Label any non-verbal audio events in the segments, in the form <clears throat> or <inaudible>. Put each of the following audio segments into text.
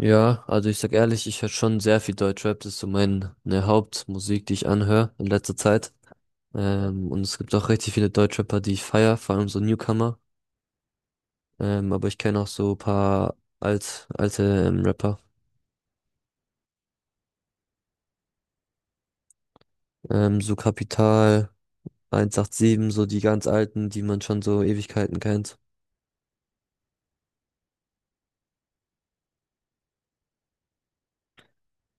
Ja, also ich sag ehrlich, ich höre schon sehr viel Deutschrap. Das ist so meine Hauptmusik, die ich anhöre in letzter Zeit. Und es gibt auch richtig viele Deutschrapper, die ich feier, vor allem so Newcomer. Aber ich kenne auch so paar alte Rapper. So Capital, 187, so die ganz alten, die man schon so Ewigkeiten kennt.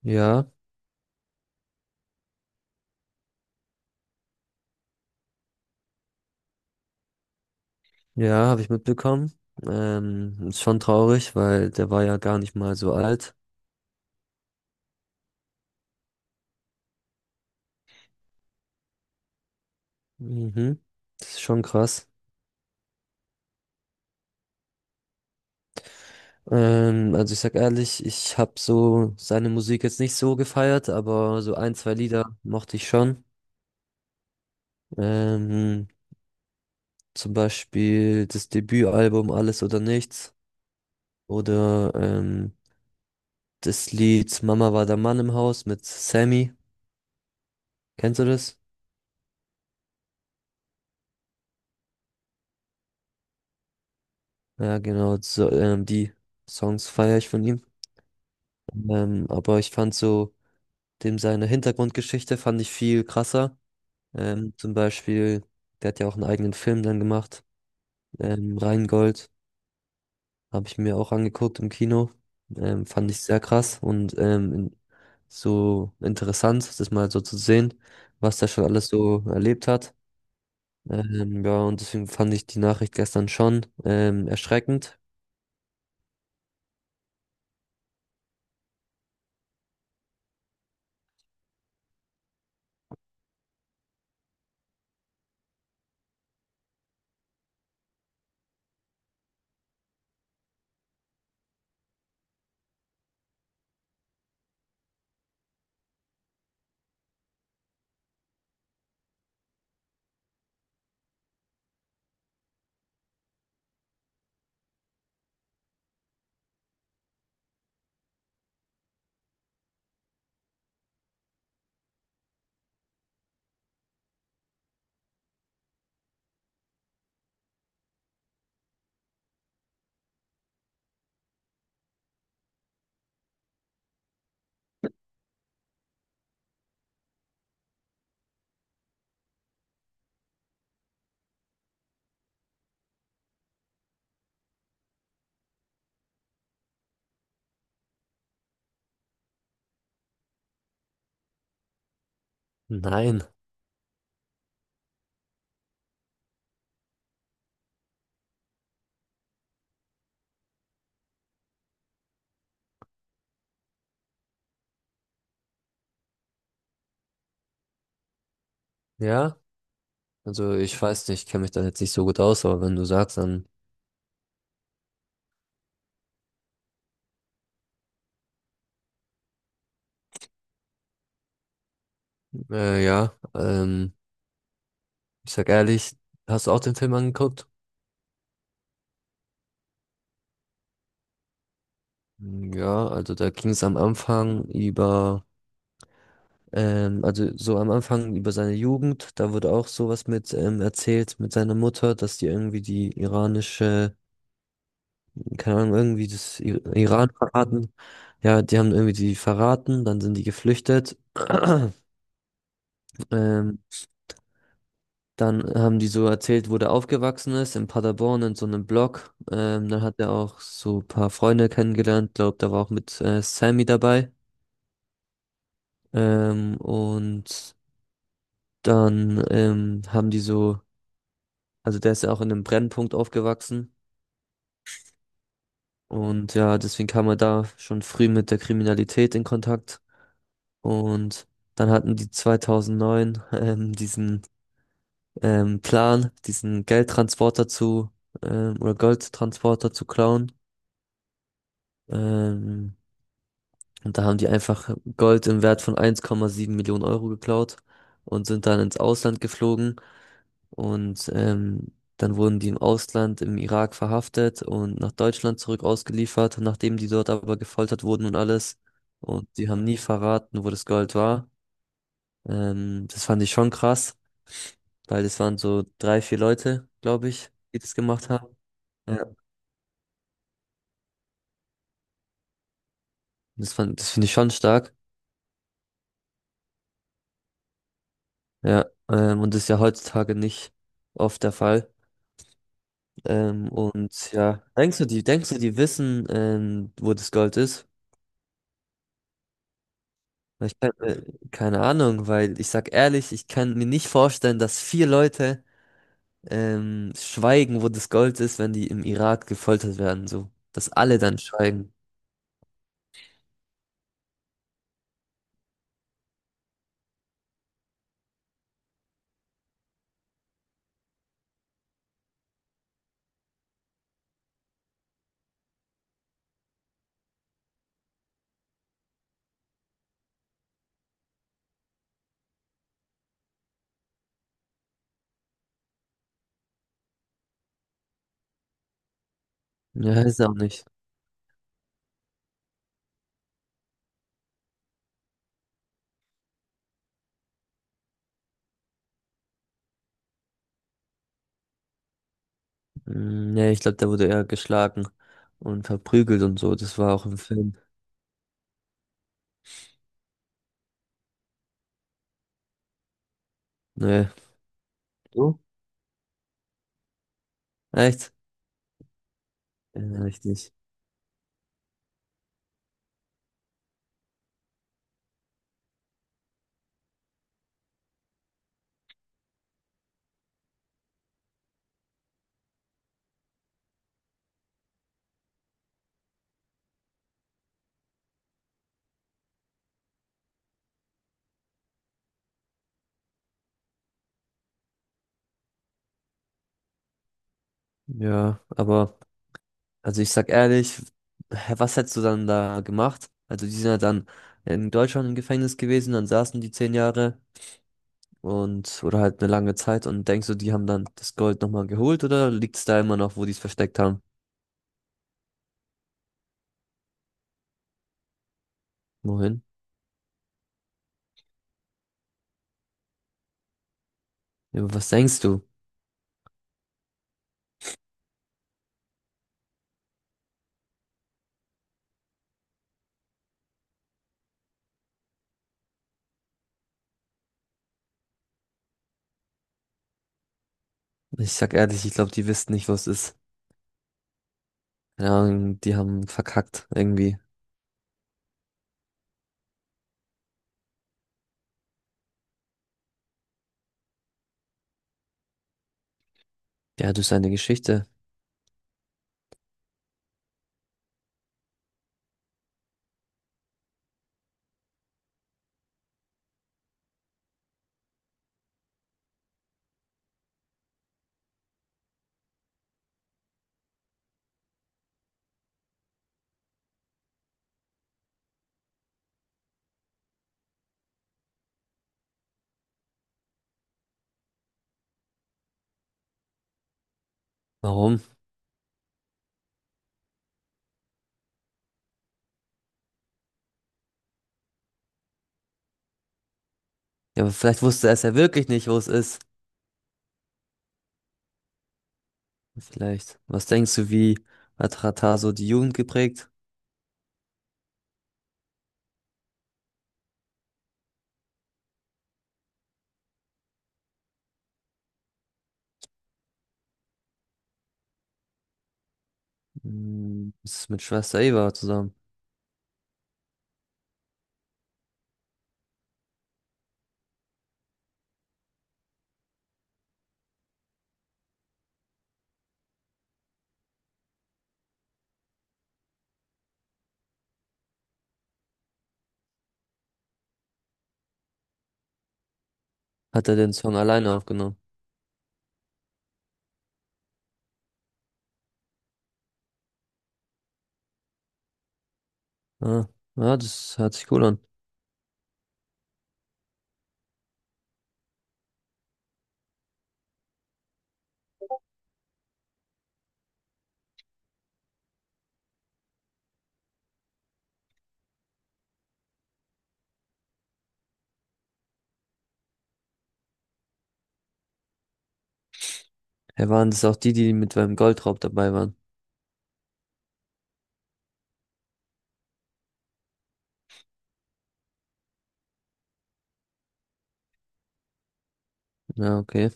Ja, ja, habe ich mitbekommen. Ist schon traurig, weil der war ja gar nicht mal so alt. Mhm. Das ist schon krass. Also ich sag ehrlich, ich habe so seine Musik jetzt nicht so gefeiert, aber so ein, zwei Lieder mochte ich schon. Ähm, zum Beispiel das Debütalbum Alles oder Nichts oder das Lied Mama war der Mann im Haus mit Sammy. Kennst du das? Ja, genau. So, die Songs feiere ich von ihm. Aber ich fand so dem seine Hintergrundgeschichte fand ich viel krasser. Zum Beispiel, der hat ja auch einen eigenen Film dann gemacht, Reingold. Habe ich mir auch angeguckt im Kino. Fand ich sehr krass und so interessant, das mal so zu sehen, was der schon alles so erlebt hat. Ja, und deswegen fand ich die Nachricht gestern schon erschreckend. Nein, ja. Also ich weiß nicht, ich kenne mich da jetzt nicht so gut aus, aber wenn du sagst, dann ja. Ich sag ehrlich, hast du auch den Film angeguckt? Ja, also da ging es am Anfang über. Also so am Anfang über seine Jugend, da wurde auch sowas mit erzählt mit seiner Mutter, dass die irgendwie die iranische, keine Ahnung, irgendwie das I Iran verraten. Ja, die haben irgendwie die verraten, dann sind die geflüchtet. <clears throat> Ähm, dann haben die so erzählt, wo der aufgewachsen ist, in Paderborn in so einem Block. Dann hat er auch so ein paar Freunde kennengelernt, glaubt, da war auch mit Sammy dabei. Und dann haben die so. Also der ist ja auch in einem Brennpunkt aufgewachsen und ja, deswegen kam er da schon früh mit der Kriminalität in Kontakt. Und dann hatten die 2009 <laughs> diesen Plan, diesen Geldtransporter zu oder Goldtransporter zu klauen. Ähm, und da haben die einfach Gold im Wert von 1,7 Millionen Euro geklaut und sind dann ins Ausland geflogen. Und dann wurden die im Ausland, im Irak verhaftet und nach Deutschland zurück ausgeliefert, nachdem die dort aber gefoltert wurden und alles. Und die haben nie verraten, wo das Gold war. Das fand ich schon krass, weil es waren so drei, vier Leute, glaube ich, die das gemacht haben. Ja. Das finde ich schon stark. Ja, und das ist ja heutzutage nicht oft der Fall. Und ja, denkst du, die wissen, wo das Gold ist? Ich kann, äh, Keine Ahnung, weil ich sag ehrlich, ich kann mir nicht vorstellen, dass vier Leute schweigen, wo das Gold ist, wenn die im Irak gefoltert werden, so. Dass alle dann schweigen. Ja, ist auch nicht. Mm, nee, ich glaube, der wurde eher geschlagen und verprügelt und so. Das war auch im Film. Nee. Du? Echt? Ja, richtig. Ja, aber, also ich sag ehrlich, hä, was hättest du dann da gemacht? Also die sind ja dann in Deutschland im Gefängnis gewesen, dann saßen die 10 Jahre. Und oder halt eine lange Zeit und denkst du, die haben dann das Gold nochmal geholt oder liegt es da immer noch, wo die es versteckt haben? Wohin? Ja, aber was denkst du? Ich sag ehrlich, ich glaube, die wissen nicht, was es ist. Keine, die haben verkackt irgendwie. Ja, das ist eine Geschichte. Warum? Ja, aber vielleicht wusste er es ja wirklich nicht, wo es ist. Vielleicht. Was denkst du, wie hat Rata so die Jugend geprägt? Hm, das ist mit Schwester Eva zusammen. Hat er den Song alleine aufgenommen? Ah, ja, das hört sich cool an. Er waren das auch die, die mit beim Goldraub dabei waren. Ja, okay.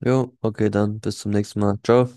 Jo, okay, dann bis zum nächsten Mal. Ciao.